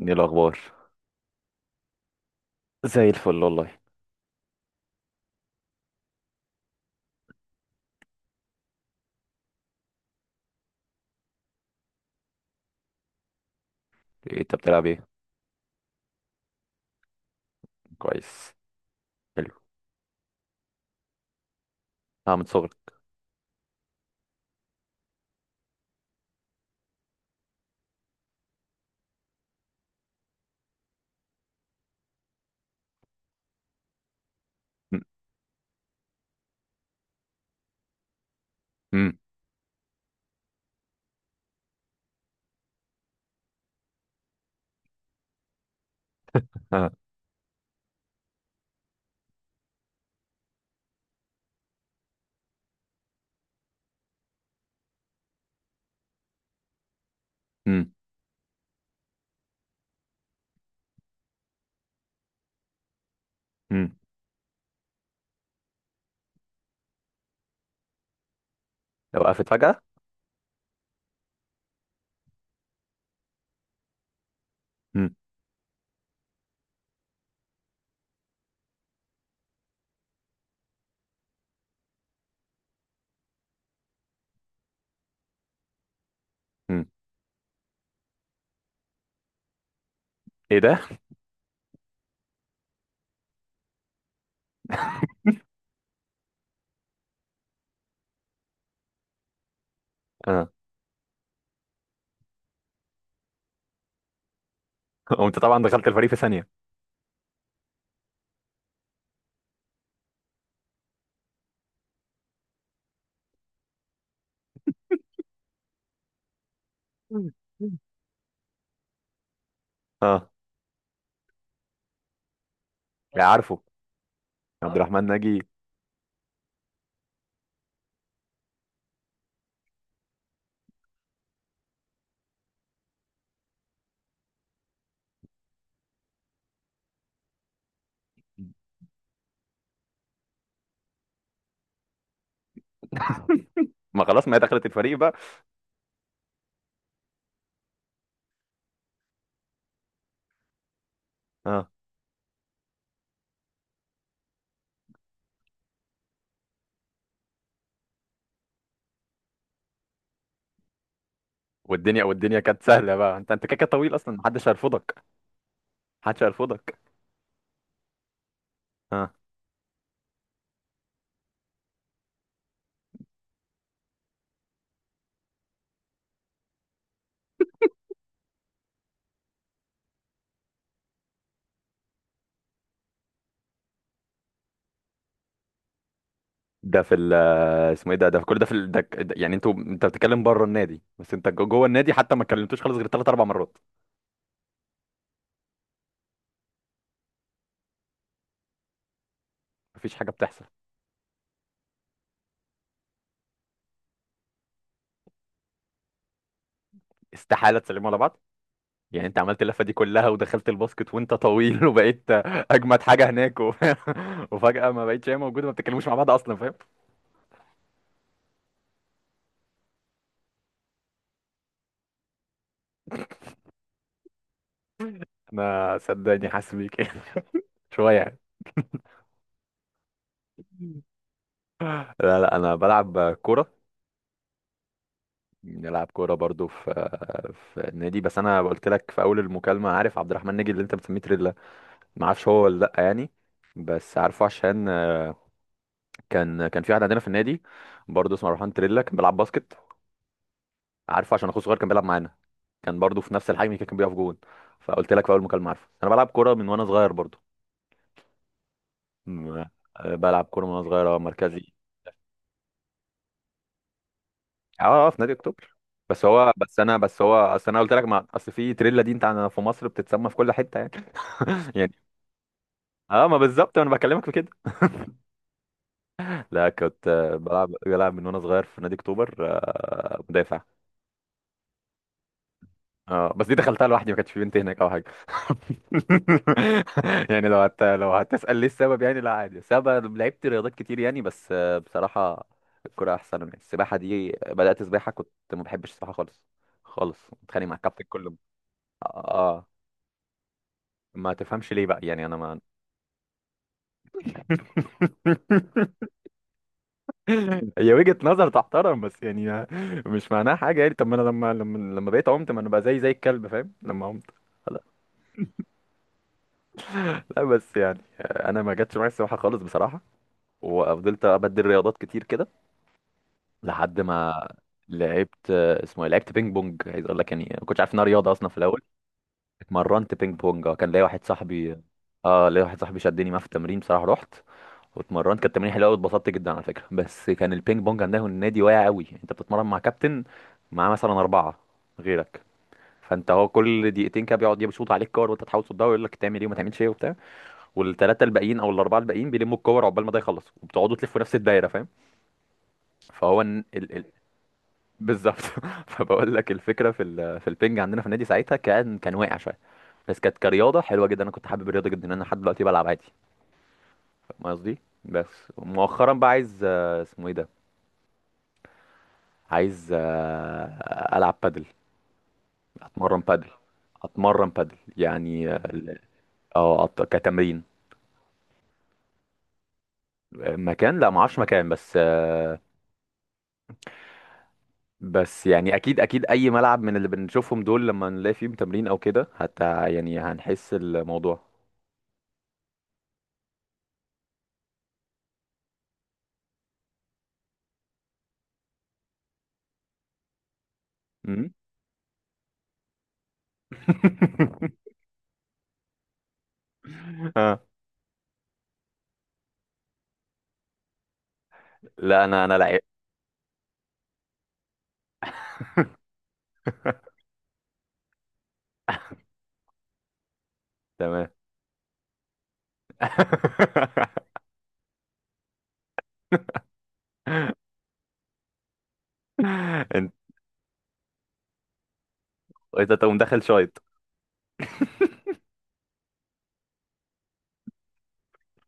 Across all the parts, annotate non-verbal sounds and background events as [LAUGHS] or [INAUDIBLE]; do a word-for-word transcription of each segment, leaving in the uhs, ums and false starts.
ايه الاخبار؟ زي الفل والله. إيه انت بتلعب ايه؟ كويس. حلو. اه، من صغرك؟ م- م- آه، م- م. لو وقفت فجأة؟ م- م. ايه ده؟ اه. [LAUGHS] وانت طبعا دخلت الفريق في ثانية. م- م. اه، يا عارفه، يا عبد الرحمن ناجي. ما خلاص، ما هي دخلت الفريق بقى. اه، والدنيا والدنيا كانت سهلة بقى، انت انت كده طويل اصلا، محدش هيرفضك. محدش هيرفضك. اه، ده في ال، اسمه ايه ده، ده في كل ده في ال... ده... ده- يعني انتوا انت بتتكلم بره النادي، بس انت جو- جوه النادي حتى ما كلمتوش خالص غير ثلاث اربع مرات. مفيش حاجه بتحصل. استحاله تسلموا على بعض. يعني انت عملت اللفه دي كلها ودخلت الباسكت وانت طويل [LAUGHS] وبقيت اجمد حاجه هناك و... [LAUGHS] وفجاه ما بقتش هي موجوده، ما بتتكلموش مع بعض اصلا، فاهم؟ انا صدقني حاسس بيك [LAUGHS] يعني شويه يعني. لا لا، انا بلعب كوره. بلعب كوره برضو في في النادي، بس انا قلت لك في اول المكالمه، عارف عبد الرحمن ناجي اللي انت بتسميه تريلا؟ ما اعرفش هو ولا لا يعني، بس عارفه عشان كان كان في واحد عندنا في النادي برضه اسمه روحان تريلا، كان بيلعب باسكت. عارفه عشان اخوه صغير كان بيلعب معانا، كان برضو في نفس الحجم كده، كان بيقف جون. فقلت لك في اول مكالمه، عارفه انا بلعب كوره من وانا صغير برضو. م- آه، بلعب كوره من وانا صغير، آه، مركزي. اه اه، في نادي اكتوبر. بس هو بس انا بس هو اصل انا قلت لك، ما اصل في تريلا دي انت عندنا في مصر بتتسمى في كل حته يعني. [LAUGHS] يعني اه، ما بالظبط انا بكلمك في كده. لا، كنت آه، بلعب بلعب من وانا صغير في نادي اكتوبر، آه، مدافع. اه، بس دي دخلتها لوحدي، ما كانش في بنت هناك او حاجه [LAUGHS] يعني لو هت... لو هتسأل ليه السبب يعني، لا عادي سبب. لعبت رياضات كتير يعني، بس آه، بصراحه الكوره احسن يعني. السباحه دي بدأت سباحه، كنت ما بحبش السباحه خالص. خالص، بتخانق مع الكابتن كل يوم. اه، ما تفهمش ليه بقى يعني، انا ما [LAUGHS] هي وجهة نظر تحترم، بس يعني مش معناها حاجه يعني. طب ما انا لما لما لما بقيت عمت، ما انا بقى زي زي الكلب، فاهم؟ لما عمت. لا، بس يعني آه، انا ما جاتش معايا السباحه خالص بصراحه، وفضلت ابدل رياضات كتير كده لحد ما. لعبت آه، اسمه إيه؟ لعبت بينج بونج، عايز اقول لك يعني ما كنتش عارف انها رياضه اصلا في الاول. اتمرنت بينج بونج. آه، كان ليا واحد صاحبي. اه، ليا واحد صاحبي شدني معاه في التمرين بصراحه. رحت واتمرنت، كانت تمرين حلوه قوي، اتبسطت جدا على فكره. بس كان البينج بونج عندنا النادي واقع قوي. انت بتتمرن مع كابتن، معاه مثلا اربعه غيرك، فانت هو كل دقيقتين كده بيقعد يشوط عليك كور وانت تحاول تصدها، ويقول لك تعمل ايه وما تعملش ايه وبتاع، والثلاثه الباقيين او الاربعه الباقيين بيلموا الكور عقبال ما ده يخلص، وبتقعدوا تلفوا نفس الدايره، فاهم؟ فهو ال... ال... ال- بالظبط. [LAUGHS] فبقول لك الفكره في ال... في البنج عندنا في النادي ساعتها، كان كان واقع شويه، بس كانت كرياضه حلوه جدا. انا كنت حابب الرياضه جدا، انا لحد دلوقتي بلعب عادي. فاهم قصدي؟ بس مؤخرا بقى عايز آه، اسمه ايه ده، عايز آه، العب بادل. اتمرن بادل. اتمرن بادل يعني، اه ال- آه، أط- كتمرين. مكان، لا ما اعرفش مكان، بس آه، بس يعني اكيد اكيد اي ملعب من اللي بنشوفهم دول لما نلاقي فيهم تمرين او كده، حتى يعني هنحس الموضوع. [LAUGHS] آه. لا، انا انا لعيب. [LAUGHS] تمام. [LAUGHS] انت انت تقوم داخل شايط.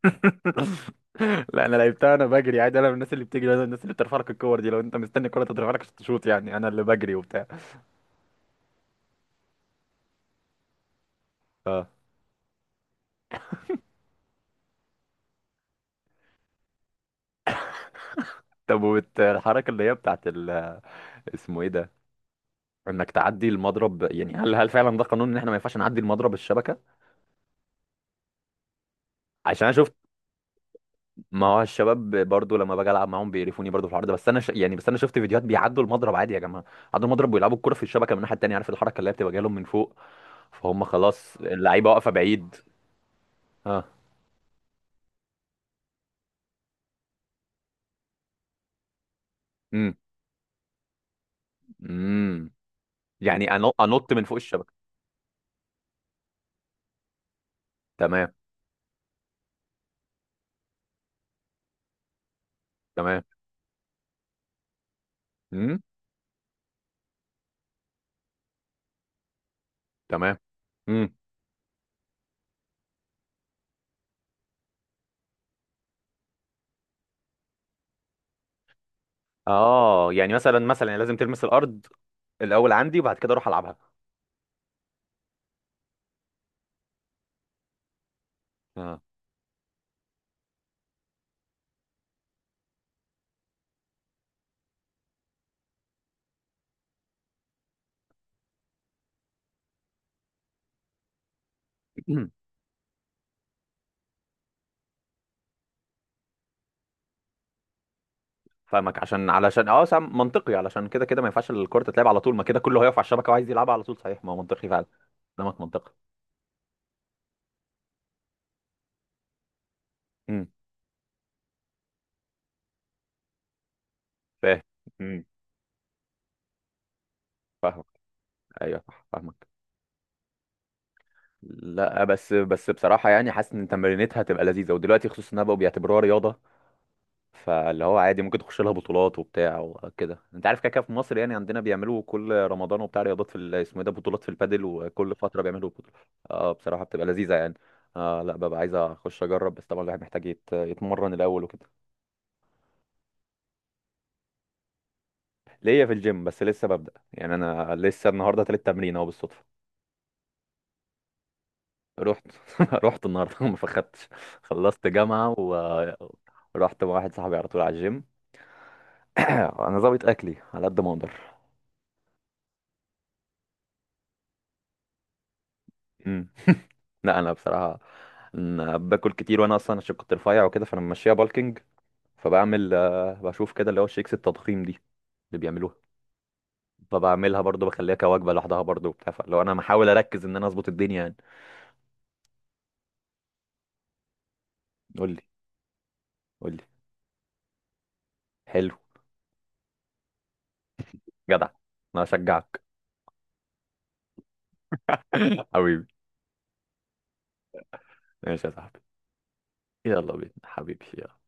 [LAUGHS] لا، انا لعبتها. انا بجري عادي، انا من الناس اللي بتجري، انا من الناس اللي بترفع لك الكور دي. لو انت مستني الكوره تترفع لك عشان تشوط يعني، انا اللي بجري وبتاع. اه. طب وبت- الحركه اللي هي بتاعت ال... اسمه ايه ده، انك تعدي المضرب، يعني هل هل فعلا ده قانون ان احنا ما ينفعش نعدي المضرب الشبكه؟ عشان انا شفت، ما هو الشباب برضو لما باجي العب معاهم بيقرفوني برضو في الحوار ده. بس انا ش... يعني بس انا شفت فيديوهات بيعدوا المضرب عادي يا جماعه. عدوا المضرب ويلعبوا الكره في الشبكه من الناحيه التانيه، عارف الحركه اللي هي بتبقى جايه لهم من فوق؟ فهم خلاص اللعيبه واقفه بعيد. اه. امم. امم. يعني أنو- انط من فوق الشبكه. تمام. تمام. امم. تمام. امم. اه، يعني مثلا مثلا يعني لازم تلمس الارض الاول عندي، وبعد كده اروح العبها. اه. [CLEARS THROAT] فاهمك، عشان علشان اه سام منطقي، علشان كده كده ما ينفعش الكرة تتلعب على طول، ما كده كله هيقف على الشبكة وعايز يلعبها على طول. صحيح، ما هو منطقي فعلا. كلامك منطقي. امم. فاهم. امم. فاهمك. ايوه صح، فاهمك. لا بس، بس بصراحة يعني حاسس ان تمرينتها هتبقى لذيذة، ودلوقتي خصوصا انها بقوا بيعتبروها رياضة، فاللي هو عادي ممكن تخش لها بطولات وبتاع وكده. انت عارف كده كده في مصر يعني، عندنا بيعملوا كل رمضان وبتاع رياضات في ال- اسمه ايه ده، بطولات في البادل، وكل فتره بيعملوا بطولة. اه بصراحه بتبقى لذيذه يعني. آه لا، ببقى عايز اخش اجرب، بس طبعا الواحد محتاج يت... يتمرن الاول وكده. ليا في الجيم، بس لسه ببدأ يعني. انا لسه النهارده تالت تمرين اهو بالصدفه. رحت. [LAUGHS] رحت النهارده، ما فخدتش. خلصت جامعه ورحت مع واحد صاحبي على طول على الجيم. [CLEARS THROAT] انا ظابط اكلي على قد ما اقدر. لا انا بصراحه، أنا باكل كتير، وانا اصلا عشان كنت رفيع وكده فانا ماشيها بالكينج. فبعمل آه، بشوف كده اللي هو الشيكس التضخيم دي اللي بيعملوها، فبعملها برضو بخليها كوجبه لوحدها برضو وبتاع، فلو انا محاول اركز ان انا اظبط الدنيا يعني. قول لي. قول لي. حلو. جدع، انا اشجعك. [COUGHS] [LAUGHS] حبيبي. ماشي يا صاحبي. يلا بينا حبيبي، يلا.